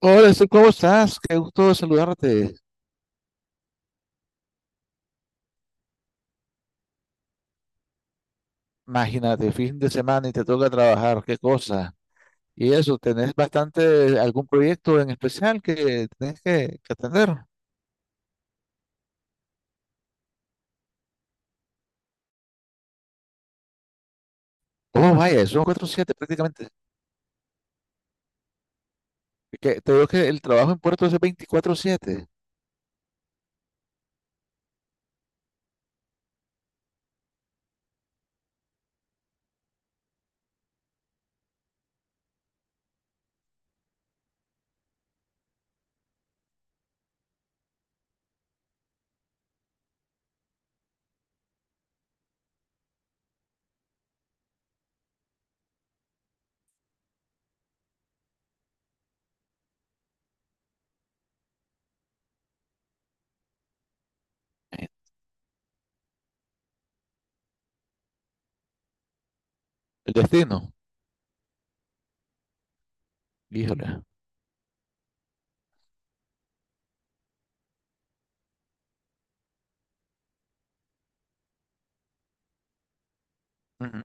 Hola, Steve, ¿cómo estás? Qué gusto saludarte. Imagínate, fin de semana y te toca trabajar, qué cosa. Y eso, ¿tenés bastante algún proyecto en especial que tenés que atender? Oh, vaya, son 4/7 prácticamente. Que, te digo que el trabajo en Puerto es 24/7. eh, el destino. Híjole. Ujú.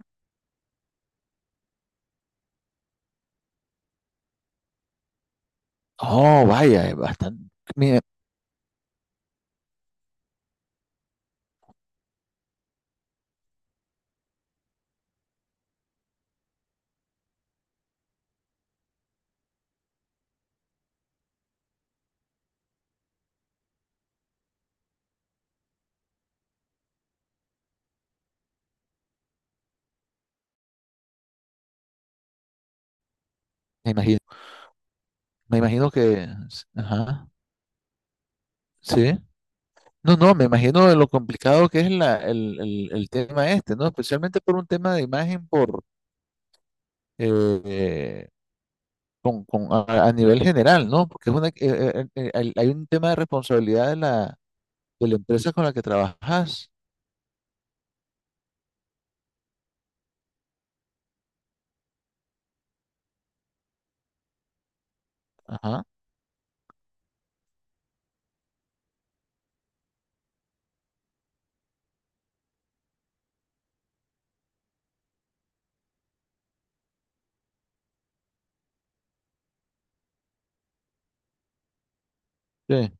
Oh, vaya, es bastante. Me, me imagino que. Ajá, sí. No, no, me imagino de lo complicado que es el tema este, ¿no? Especialmente por un tema de imagen por eh, eh, a nivel general, ¿no? Porque es una, hay hay un tema de responsabilidad de la empresa con la que trabajas. Ajá. Sí.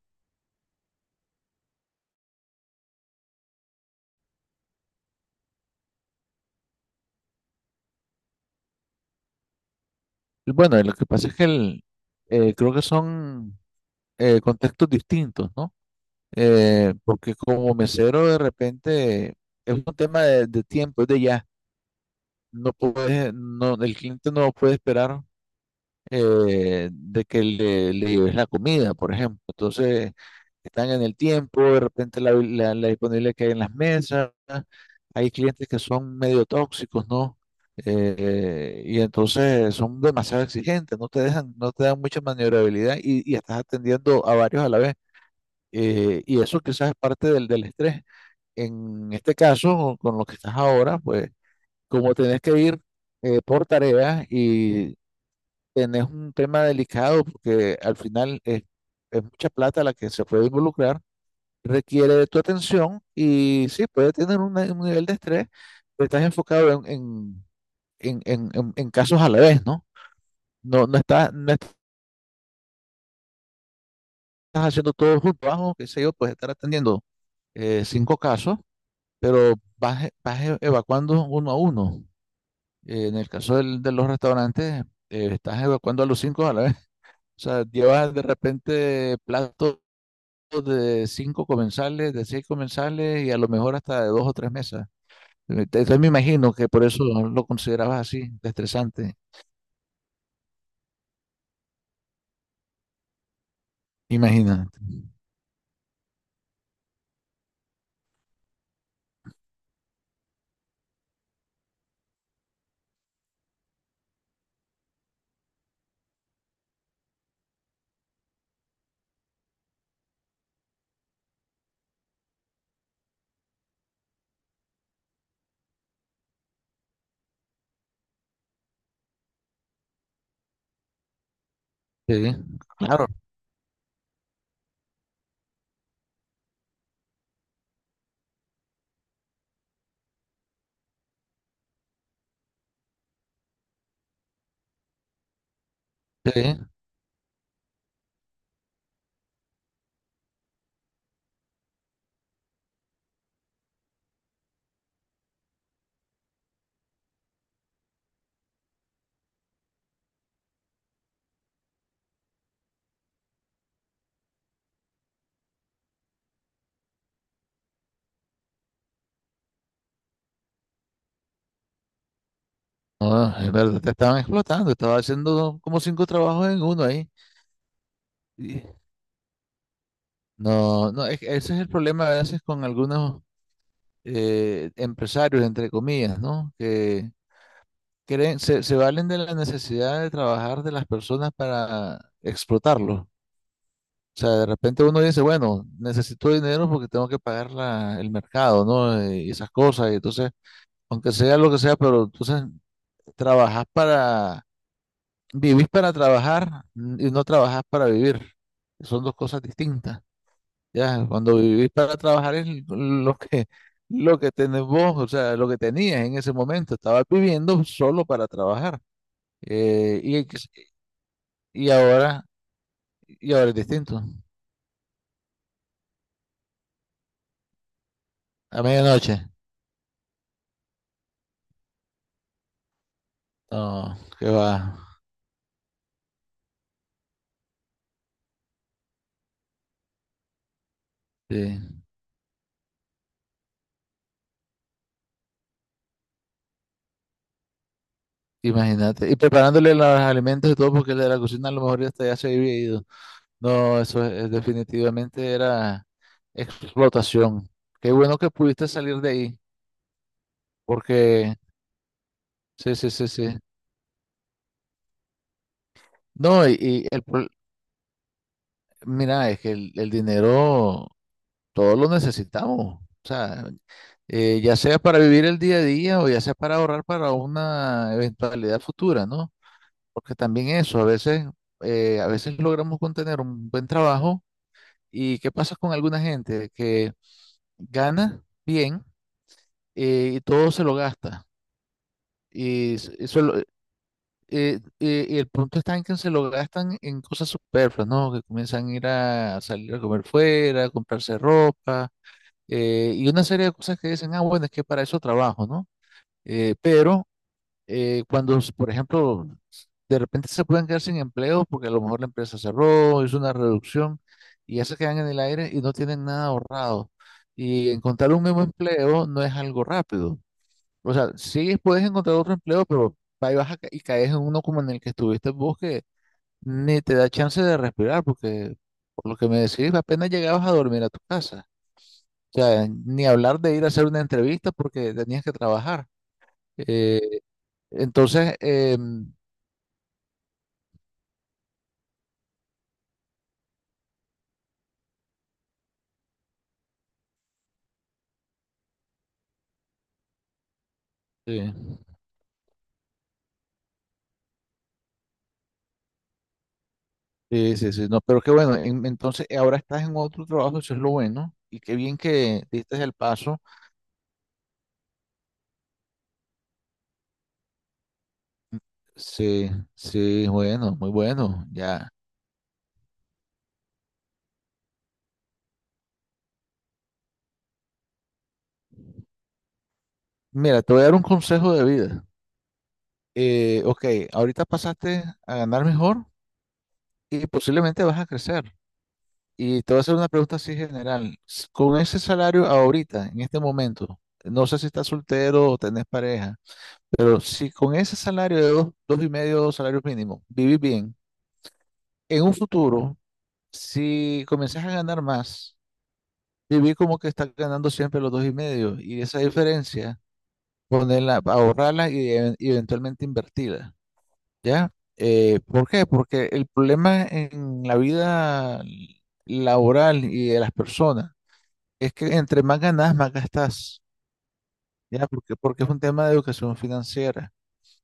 Y bueno, lo que pasa es que creo que son contextos distintos, ¿no? Porque como mesero de repente es un tema de tiempo, es de ya. No puedes, no, el cliente no puede esperar de que le lleves la comida, por ejemplo. Entonces, están en el tiempo, de repente la disponibilidad que hay en las mesas. Hay clientes que son medio tóxicos, ¿no? Y entonces son demasiado exigentes, no te dejan, no te dan mucha maniobrabilidad y estás atendiendo a varios a la vez. Y eso quizás es parte del estrés. En este caso, con lo que estás ahora, pues como tenés que ir por tareas y tenés un tema delicado porque al final es mucha plata la que se puede involucrar, requiere de tu atención y sí, puede tener un nivel de estrés, pero estás enfocado en casos a la vez, ¿no? No, no estás haciendo todo junto, abajo, qué sé yo, puedes estar atendiendo cinco casos, pero evacuando uno a uno. En el caso de los restaurantes, estás evacuando a los cinco a la vez. O sea, llevas de repente platos de cinco comensales, de seis comensales y a lo mejor hasta de dos o tres mesas. Entonces me imagino que por eso lo considerabas así, de estresante. Imagínate. Sí, claro, sí. No, es verdad, te estaban explotando, estaba haciendo como cinco trabajos en uno ahí. Y- No, no, es que ese es el problema a veces con algunos empresarios, entre comillas, ¿no? Que creen, se valen de la necesidad de trabajar de las personas para explotarlos. O sea, de repente uno dice, bueno, necesito dinero porque tengo que pagar el mercado, ¿no? Y esas cosas. Y entonces, aunque sea lo que sea, pero entonces trabajas para, vivís para trabajar, y no trabajas para vivir. Son dos cosas distintas. Ya, cuando vivís para trabajar es lo que tenés vos, o sea, lo que tenías en ese momento. Estabas viviendo solo para trabajar. Eh, y, y ahora, y ahora es distinto. A medianoche. No, qué va. Sí. Imagínate, y preparándole los alimentos y todo, porque el de la cocina a lo mejor hasta ya se había ido. No, eso es definitivamente era explotación. Qué bueno que pudiste salir de ahí, porque sí, sí, sí, sí. No, mira, es que el dinero todo lo necesitamos. O sea, ya sea para vivir el día a día o ya sea para ahorrar para una eventualidad futura, ¿no? Porque también eso, a veces logramos con tener un buen trabajo. ¿Y qué pasa con alguna gente que gana bien y todo se lo gasta? Y, s- y solo- y el punto está en que se lo gastan en cosas superfluas, ¿no? Que comienzan a ir a salir a comer fuera, a comprarse ropa, y una serie de cosas que dicen, ah, bueno, es que para eso trabajo, ¿no? Pero cuando, por ejemplo, de repente se pueden quedar sin empleo porque a lo mejor la empresa cerró, hizo una reducción y ya se quedan en el aire y no tienen nada ahorrado. Y encontrar un nuevo empleo no es algo rápido. O sea, sí puedes encontrar otro empleo, pero ahí vas a ca- y caes en uno como en el que estuviste vos que ni te da chance de respirar porque, por lo que me decís, apenas llegabas a dormir a tu casa. O sea, ni hablar de ir a hacer una entrevista porque tenías que trabajar. Eh, entonces, em, Sí, sí, sí, sí, no, pero qué bueno, entonces ahora estás en otro trabajo, eso es lo bueno, y qué bien que diste el paso, sí, sí, bueno, muy bueno, ya. Mira, te voy a dar un consejo de vida. Ok, ahorita pasaste a ganar mejor y posiblemente vas a crecer. Y te voy a hacer una pregunta así general. Con ese salario ahorita, en este momento, no sé si estás soltero o tenés pareja, pero si con ese salario de dos y medio salarios mínimos, vivís bien en un futuro. Si comenzás a ganar más, viví como que estás ganando siempre los dos y medio, y esa diferencia, ponerla, ahorrarla y eventualmente invertirla, ¿ya? ¿Por qué? Porque el problema en la vida laboral y de las personas es que entre más ganas, más gastas, ¿ya? Porque es un tema de educación financiera.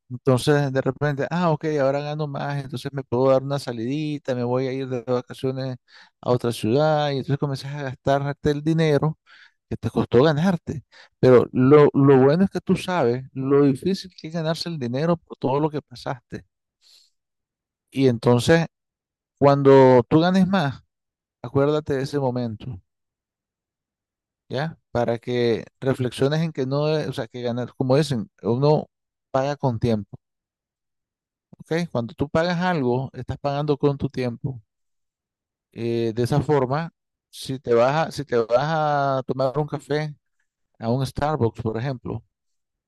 Entonces, de repente, ah, ok, ahora gano más, entonces me puedo dar una salidita, me voy a ir de vacaciones a otra ciudad, y entonces comienzas a gastarte el dinero que te costó ganarte. Pero lo bueno es que tú sabes lo difícil que es ganarse el dinero por todo lo que pasaste. Y entonces, cuando tú ganes más, acuérdate de ese momento, ¿ya? Para que reflexiones en que no, o sea, que ganar, como dicen, uno paga con tiempo, ¿ok? Cuando tú pagas algo, estás pagando con tu tiempo. De esa forma, si te vas a tomar un café a un Starbucks, por ejemplo,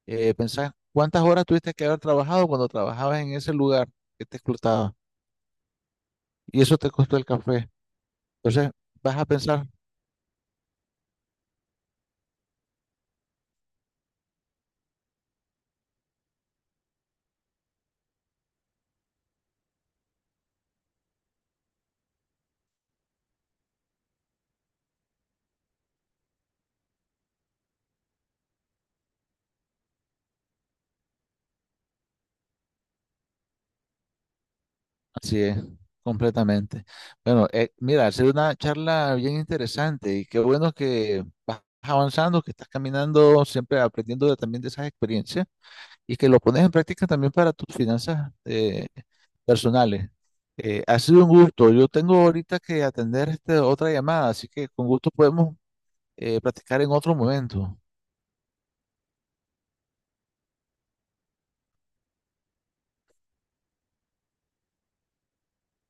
pensás cuántas horas tuviste que haber trabajado cuando trabajabas en ese lugar que te explotaba y eso te costó el café. Entonces, vas a pensar, así es, completamente. Bueno, mira, ha sido una charla bien interesante y qué bueno que vas avanzando, que estás caminando, siempre aprendiendo también de esas experiencias y que lo pones en práctica también para tus finanzas personales. Ha sido un gusto. Yo tengo ahorita que atender otra llamada, así que con gusto podemos platicar en otro momento.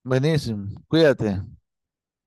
Buenísimo. Cuídate.